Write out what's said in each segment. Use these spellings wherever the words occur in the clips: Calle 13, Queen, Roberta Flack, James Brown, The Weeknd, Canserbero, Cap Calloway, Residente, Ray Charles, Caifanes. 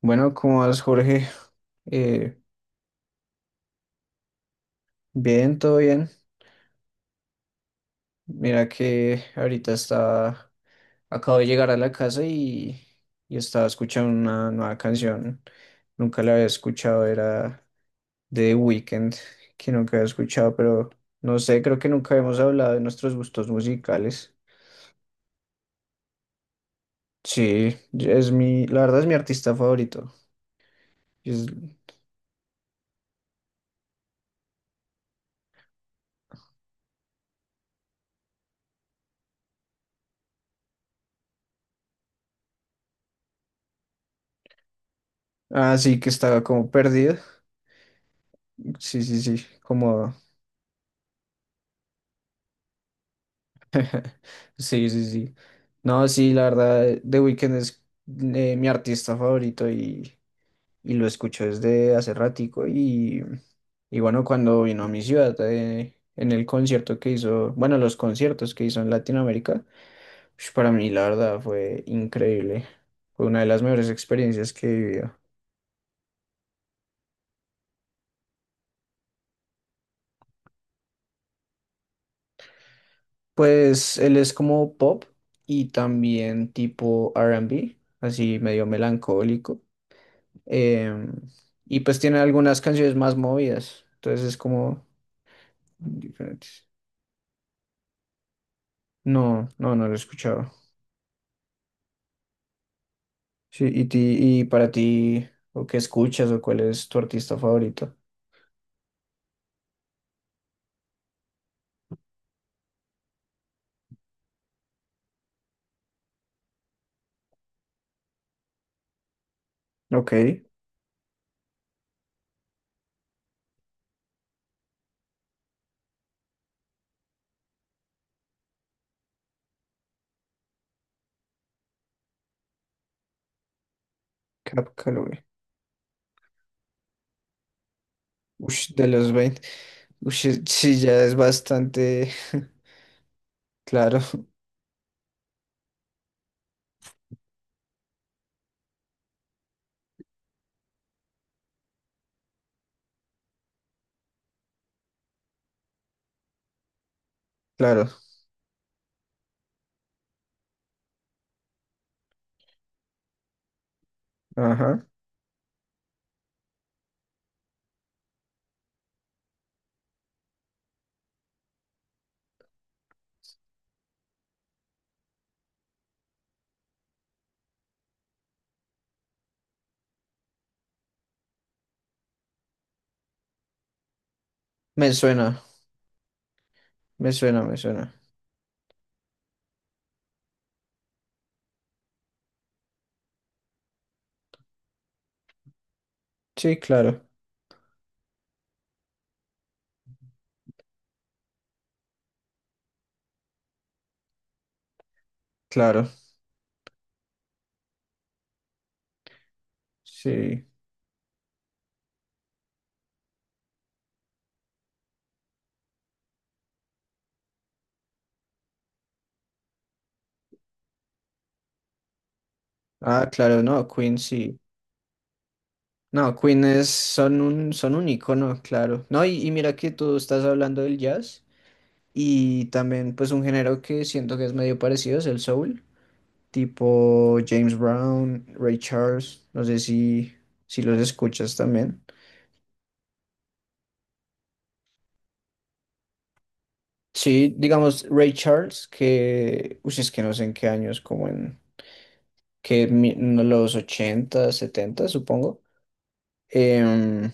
Bueno, ¿cómo vas, Jorge? Eh, bien, todo bien. Mira que ahorita está, acabo de llegar a la casa y estaba escuchando una nueva canción. Nunca la había escuchado, era de The Weeknd, que nunca había escuchado, pero no sé, creo que nunca hemos hablado de nuestros gustos musicales. Sí, la verdad es mi artista favorito. Es- ah, sí, que estaba como perdido. Sí, sí, sí, como sí, sí, sí. No, sí, la verdad, The Weeknd es, mi artista favorito y lo escucho desde hace ratico y bueno, cuando vino a mi ciudad en el concierto que hizo, bueno, los conciertos que hizo en Latinoamérica, ush, para mí la verdad fue increíble. Fue una de las mejores experiencias que he vivido. Pues él es como pop y también tipo R and B, así medio melancólico. eh, y pues tiene algunas canciones más movidas. Entonces es como diferentes. No, no, no lo he escuchado. Sí, y para ti, o qué escuchas, o cuál es tu artista favorito. Ok, Cap Calloway. Ush, de los veinte. Sí, ya es bastante. Claro, claro. Ajá. Me suena, me suena, me suena. Sí, claro, claro. Sí. Ah, claro, no, Queen sí. No, Queen es, son un icono, claro. No, y mira que tú estás hablando del jazz y también pues un género que siento que es medio parecido es el soul, tipo James Brown, Ray Charles, no sé si los escuchas también. Sí, digamos Ray Charles, que, uy, es que no sé en qué años, como en no, los 80, 70, supongo. Em,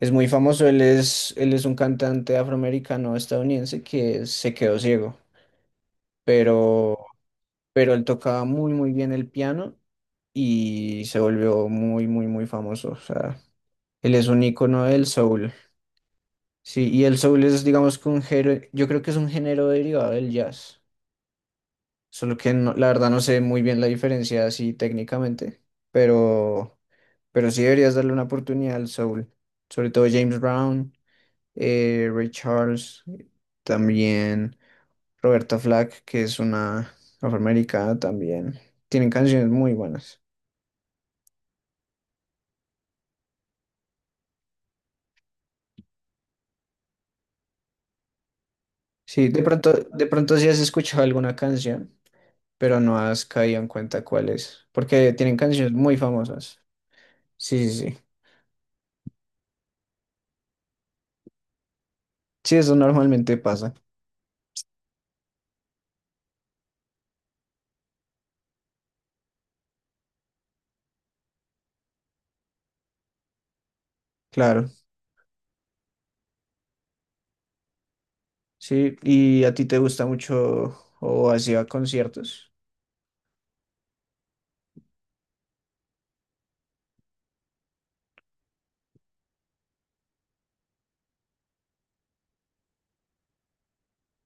es muy famoso, él es un cantante afroamericano estadounidense que se quedó ciego. pero, pero él tocaba muy, muy bien el piano y se volvió muy, muy, muy famoso. O sea, él es un icono del soul. Sí, y el soul es, digamos, que un género, yo creo que es un género derivado del jazz. Solo que no- La verdad no sé muy bien la diferencia así técnicamente, pero, pero sí deberías darle una oportunidad al soul. Sobre todo James Brown, Ray Charles, también. Roberta Flack, que es una afroamericana también. Tienen canciones muy buenas. Sí, de pronto sí has escuchado alguna canción, pero no has caído en cuenta cuál es, porque tienen canciones muy famosas. Sí, sí, sí. Sí, eso normalmente pasa, claro. Sí, ¿y a ti te gusta mucho o has ido a conciertos?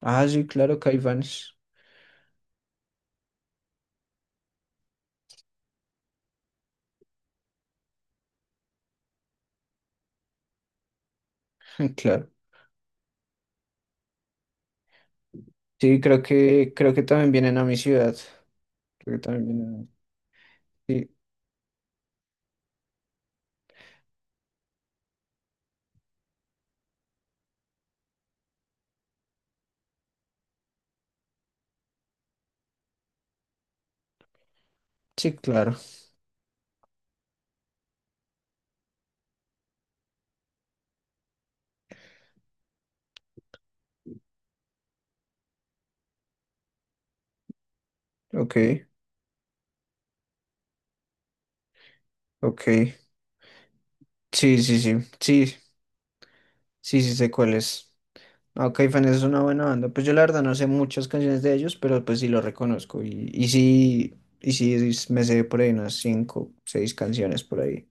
Ah, sí, claro, Caifanes. Claro. Sí, creo que también vienen a mi ciudad. Creo que también vienen. Sí, sí, claro. Ok, ok. Sí, sí, sí, sí, sí, sí sé cuál es. Ok, Fans es una buena banda. Pues yo la verdad no sé muchas canciones de ellos, pero pues sí lo reconozco. Me sé por ahí unas cinco, seis canciones por ahí.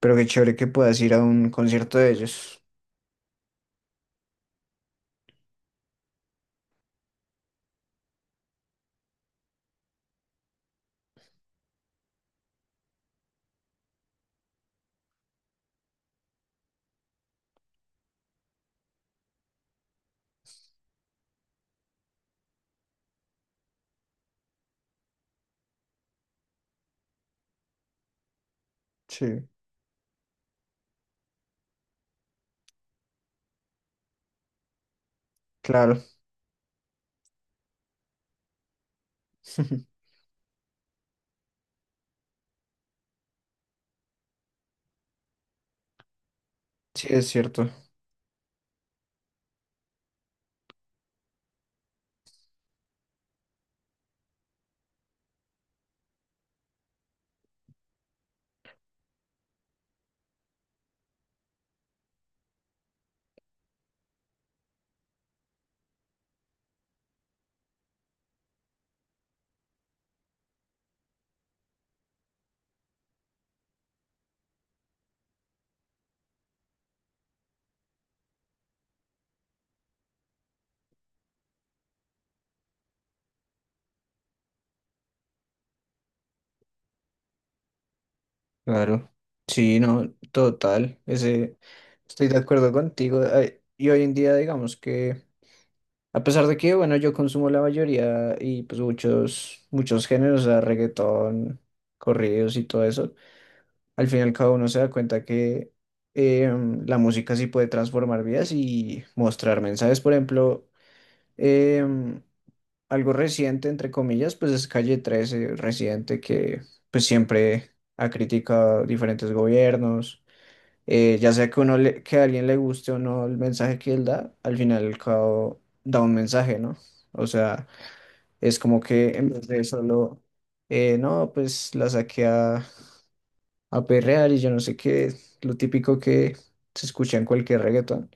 Pero qué chévere que puedas ir a un concierto de ellos. Sí, claro. Sí, es cierto. Claro. Sí, no, total. Estoy de acuerdo contigo. Ay, y hoy en día digamos que, a pesar de que, bueno, yo consumo la mayoría y pues muchos, muchos géneros, o sea, reggaetón, corridos y todo eso, al final cada uno se da cuenta que la música sí puede transformar vidas y mostrar mensajes. Por ejemplo, em, algo reciente, entre comillas, pues es Calle 13, reciente, que pues siempre ha criticado diferentes gobiernos. Ya sea que, que a alguien le guste o no el mensaje que él da, al final y al cabo da un mensaje, ¿no? O sea, es como que en vez de no, pues la saqué a perrear y yo no sé qué, lo típico que se escucha en cualquier reggaetón.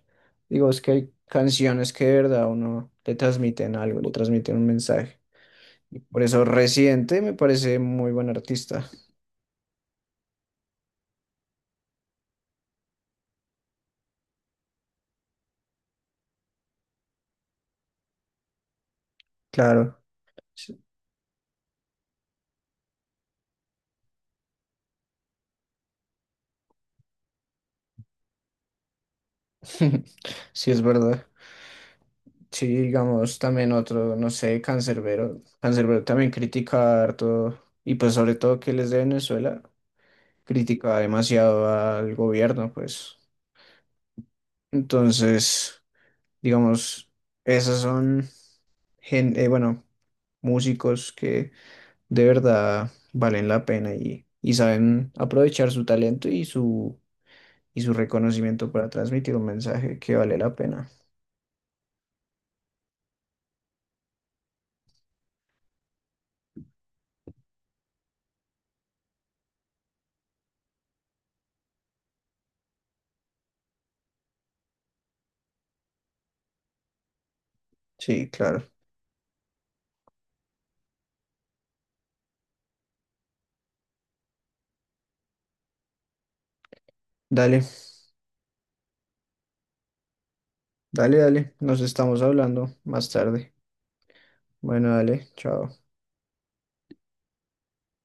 Digo, es que hay canciones que de verdad a uno le transmiten algo, le transmiten un mensaje. Y por eso Residente me parece muy buen artista. Claro, sí, sí es verdad. Sí, digamos, también otro, no sé, Canserbero. Canserbero también critica harto, y pues sobre todo que él es de Venezuela. Criticaba demasiado al gobierno, pues. Entonces, digamos, esas son, bueno, músicos que de verdad valen la pena y saben aprovechar su talento y su reconocimiento para transmitir un mensaje que vale la pena. Sí, claro. Dale, dale, dale. Nos estamos hablando más tarde. Bueno, dale, chao.